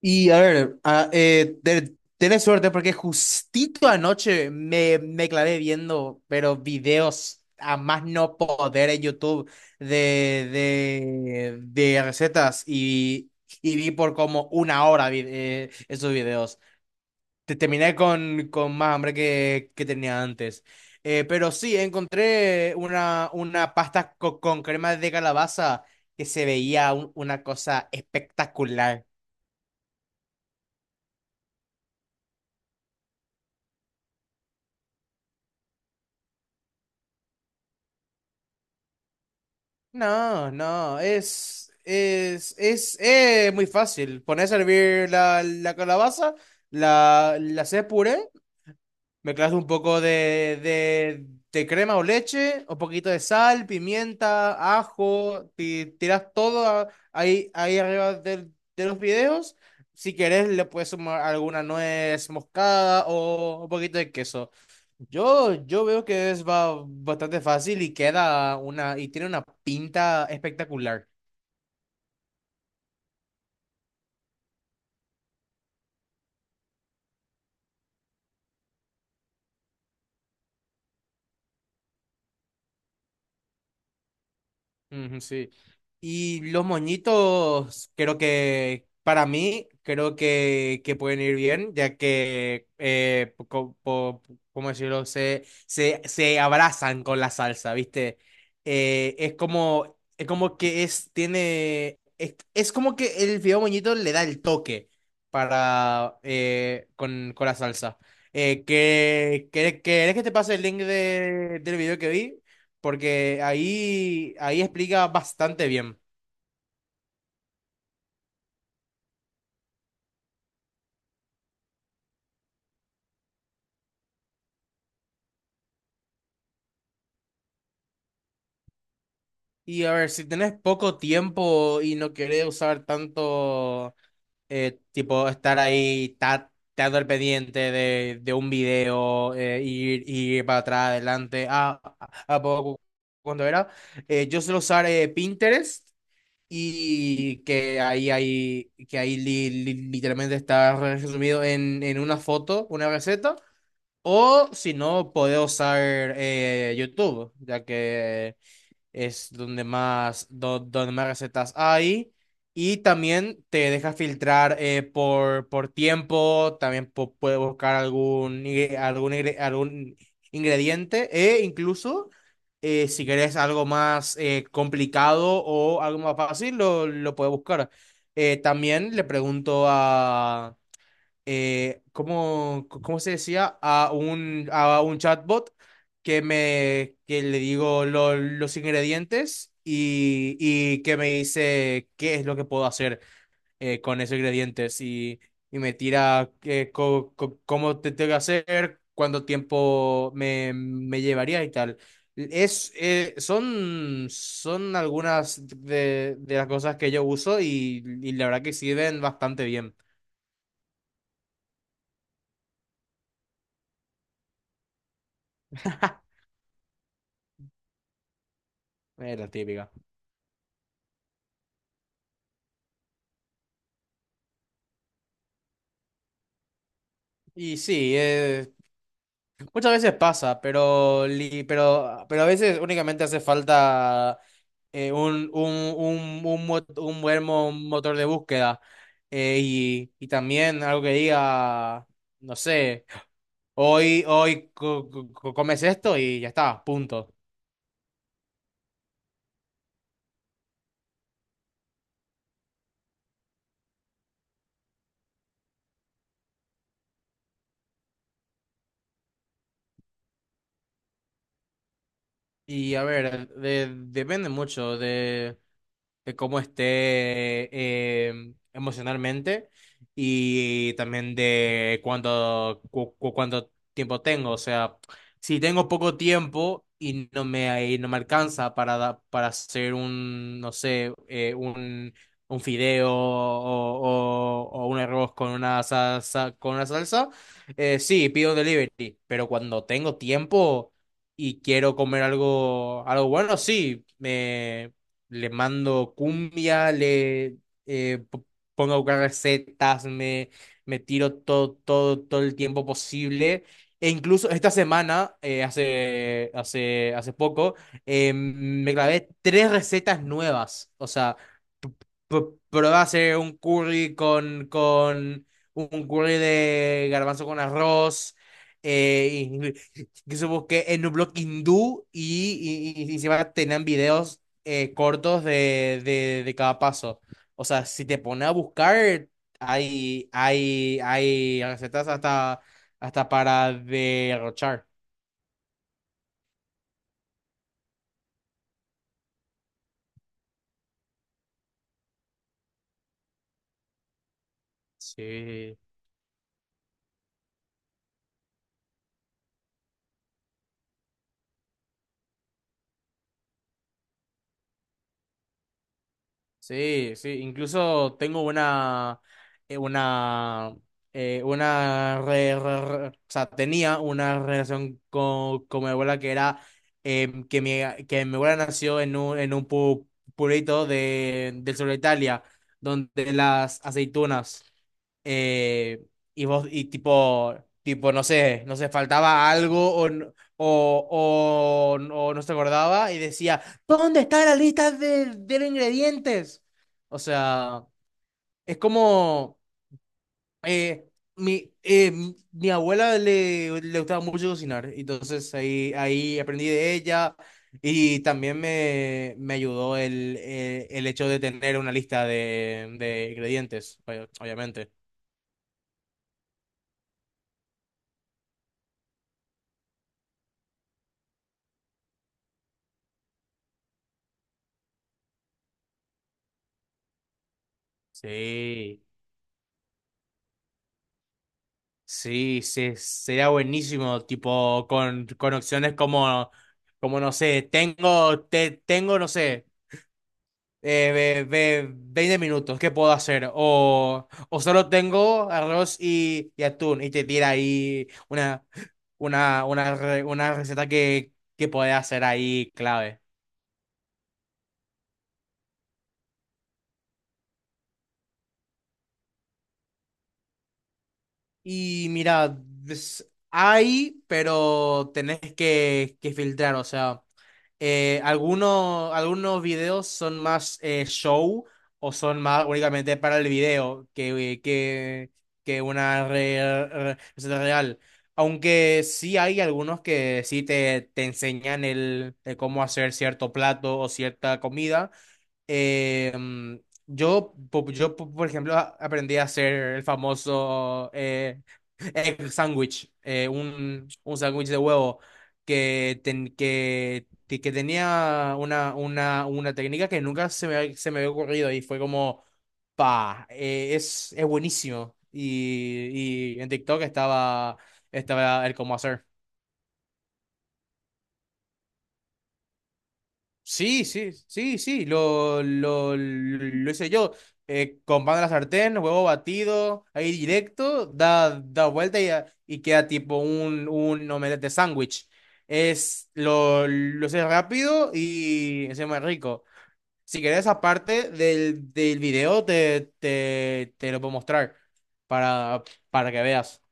Y a ver, tenés suerte porque justito anoche me clavé viendo, pero videos a más no poder en YouTube de recetas y vi por como 1 hora esos videos. Terminé con más hambre que tenía antes. Pero sí, encontré una pasta con crema de calabaza que se veía una cosa espectacular. No, no, es muy fácil. Pones a hervir la calabaza, la haces puré. Mezclas un poco de crema o leche, un poquito de sal, pimienta, ajo, tiras todo ahí arriba de los videos. Si querés, le puedes sumar alguna nuez moscada o un poquito de queso. Yo veo que es bastante fácil y tiene una pinta espectacular. Ujú, sí. Y los moñitos, creo que para mí, creo que pueden ir bien, ¿cómo decirlo? Se abrazan con la salsa, ¿viste? Es como que el fideo moñito le da el toque para, con la salsa. ¿querés que te pase el link del video que vi? Porque ahí explica bastante bien. Y a ver, si tenés poco tiempo y no querés usar tanto, tipo, estar ahí tanto al pendiente de un video, ir para atrás, adelante, a poco, cuando era, yo suelo usar Pinterest. Hay que ahí literalmente está resumido en una foto, una receta. O si no, podés usar YouTube, ya que es donde más recetas hay. Y también te deja filtrar por tiempo, también puedes buscar algún ingrediente, e incluso si querés algo más complicado o algo más fácil, lo puedes buscar. También le pregunto ¿cómo se decía? A un chatbot que me que le digo los ingredientes y que me dice qué es lo que puedo hacer con esos ingredientes, y me tira cómo te tengo que hacer, cuánto tiempo me llevaría y tal. Son algunas de las cosas que yo uso, y la verdad que sirven bastante bien. Es la típica. Y sí, muchas veces pasa, pero a veces únicamente hace falta eh, un, un, un buen motor de búsqueda, y también algo que diga, no sé, hoy comes esto y ya está, punto. Y a ver, depende mucho de cómo esté emocionalmente y también de cuánto tiempo tengo. O sea, si tengo poco tiempo y y no me alcanza para hacer un, no sé, un, fideo, o un arroz con una salsa, sí, pido un delivery. Pero cuando tengo tiempo y quiero comer algo bueno, sí, le mando cumbia, eh, p- pongo a buscar recetas, me tiro todo, todo, todo el tiempo posible. E incluso esta semana, hace, hace poco, me grabé tres recetas nuevas. O sea, p- probé a hacer un curry con un curry de garbanzo con arroz. Eh, que supongo que en un blog hindú, y encima tenían videos cortos de cada paso. O sea, si te pones a buscar, hay recetas hasta para derrochar. Sí. Sí, sí, incluso tengo eh, una, una, o sea, tenía una relación con mi abuela que era em, que mi abuela nació en un pueblito del sur de Italia, donde las aceitunas, eh, y tipo, no sé, no sé, faltaba algo o, n- o no se acordaba y decía: ¿Dónde está la lista de los ingredientes? O sea, es como eh, mi abuela le gustaba mucho cocinar, entonces ahí aprendí de ella, y también me ayudó el hecho de tener una lista de ingredientes, obviamente. Sí, sí, sí, sería buenísimo, tipo con opciones como, como no sé, tengo, no sé. eh, 20 minutos, ¿qué puedo hacer? O solo tengo arroz y atún, y te tira ahí una receta que puedes hacer ahí, clave. Y mira, hay, pero tenés que filtrar, o sea, algunos videos son más show, o son más únicamente para el video que una receta real. Aunque sí hay algunos que sí te enseñan el cómo hacer cierto plato o cierta comida. eh, por ejemplo, aprendí a hacer el famoso egg sandwich, un sándwich de huevo que tenía una técnica que nunca se me había ocurrido, y fue como, es buenísimo. Y en TikTok estaba, estaba el cómo hacer. Sí, sí, sí, sí, lo hice yo. Con pan de la sartén, huevo batido, ahí directo, da vuelta y queda tipo un omelette de sándwich. Lo hice rápido, y encima es muy rico. Si querés, aparte del video, te lo puedo mostrar para, para que veas.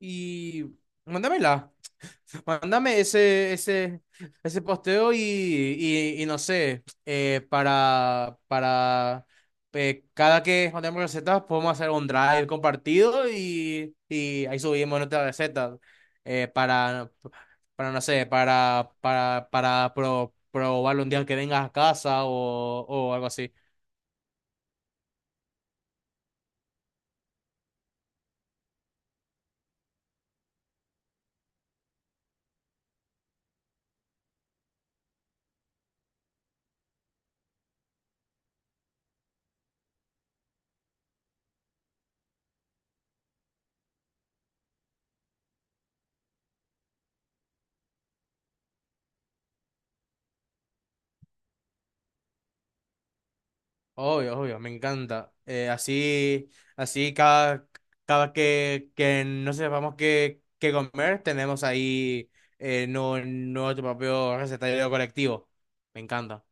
Y mándamela. Mándame ese posteo, y no sé, para cada que mandemos recetas podemos hacer un drive compartido, y ahí subimos nuestras recetas, eh, para, no sé, probarlo un día que vengas a casa, o algo así. Obvio, obvio, me encanta. Así cada que no sepamos qué, qué comer, tenemos ahí nuestro propio recetario colectivo. Me encanta.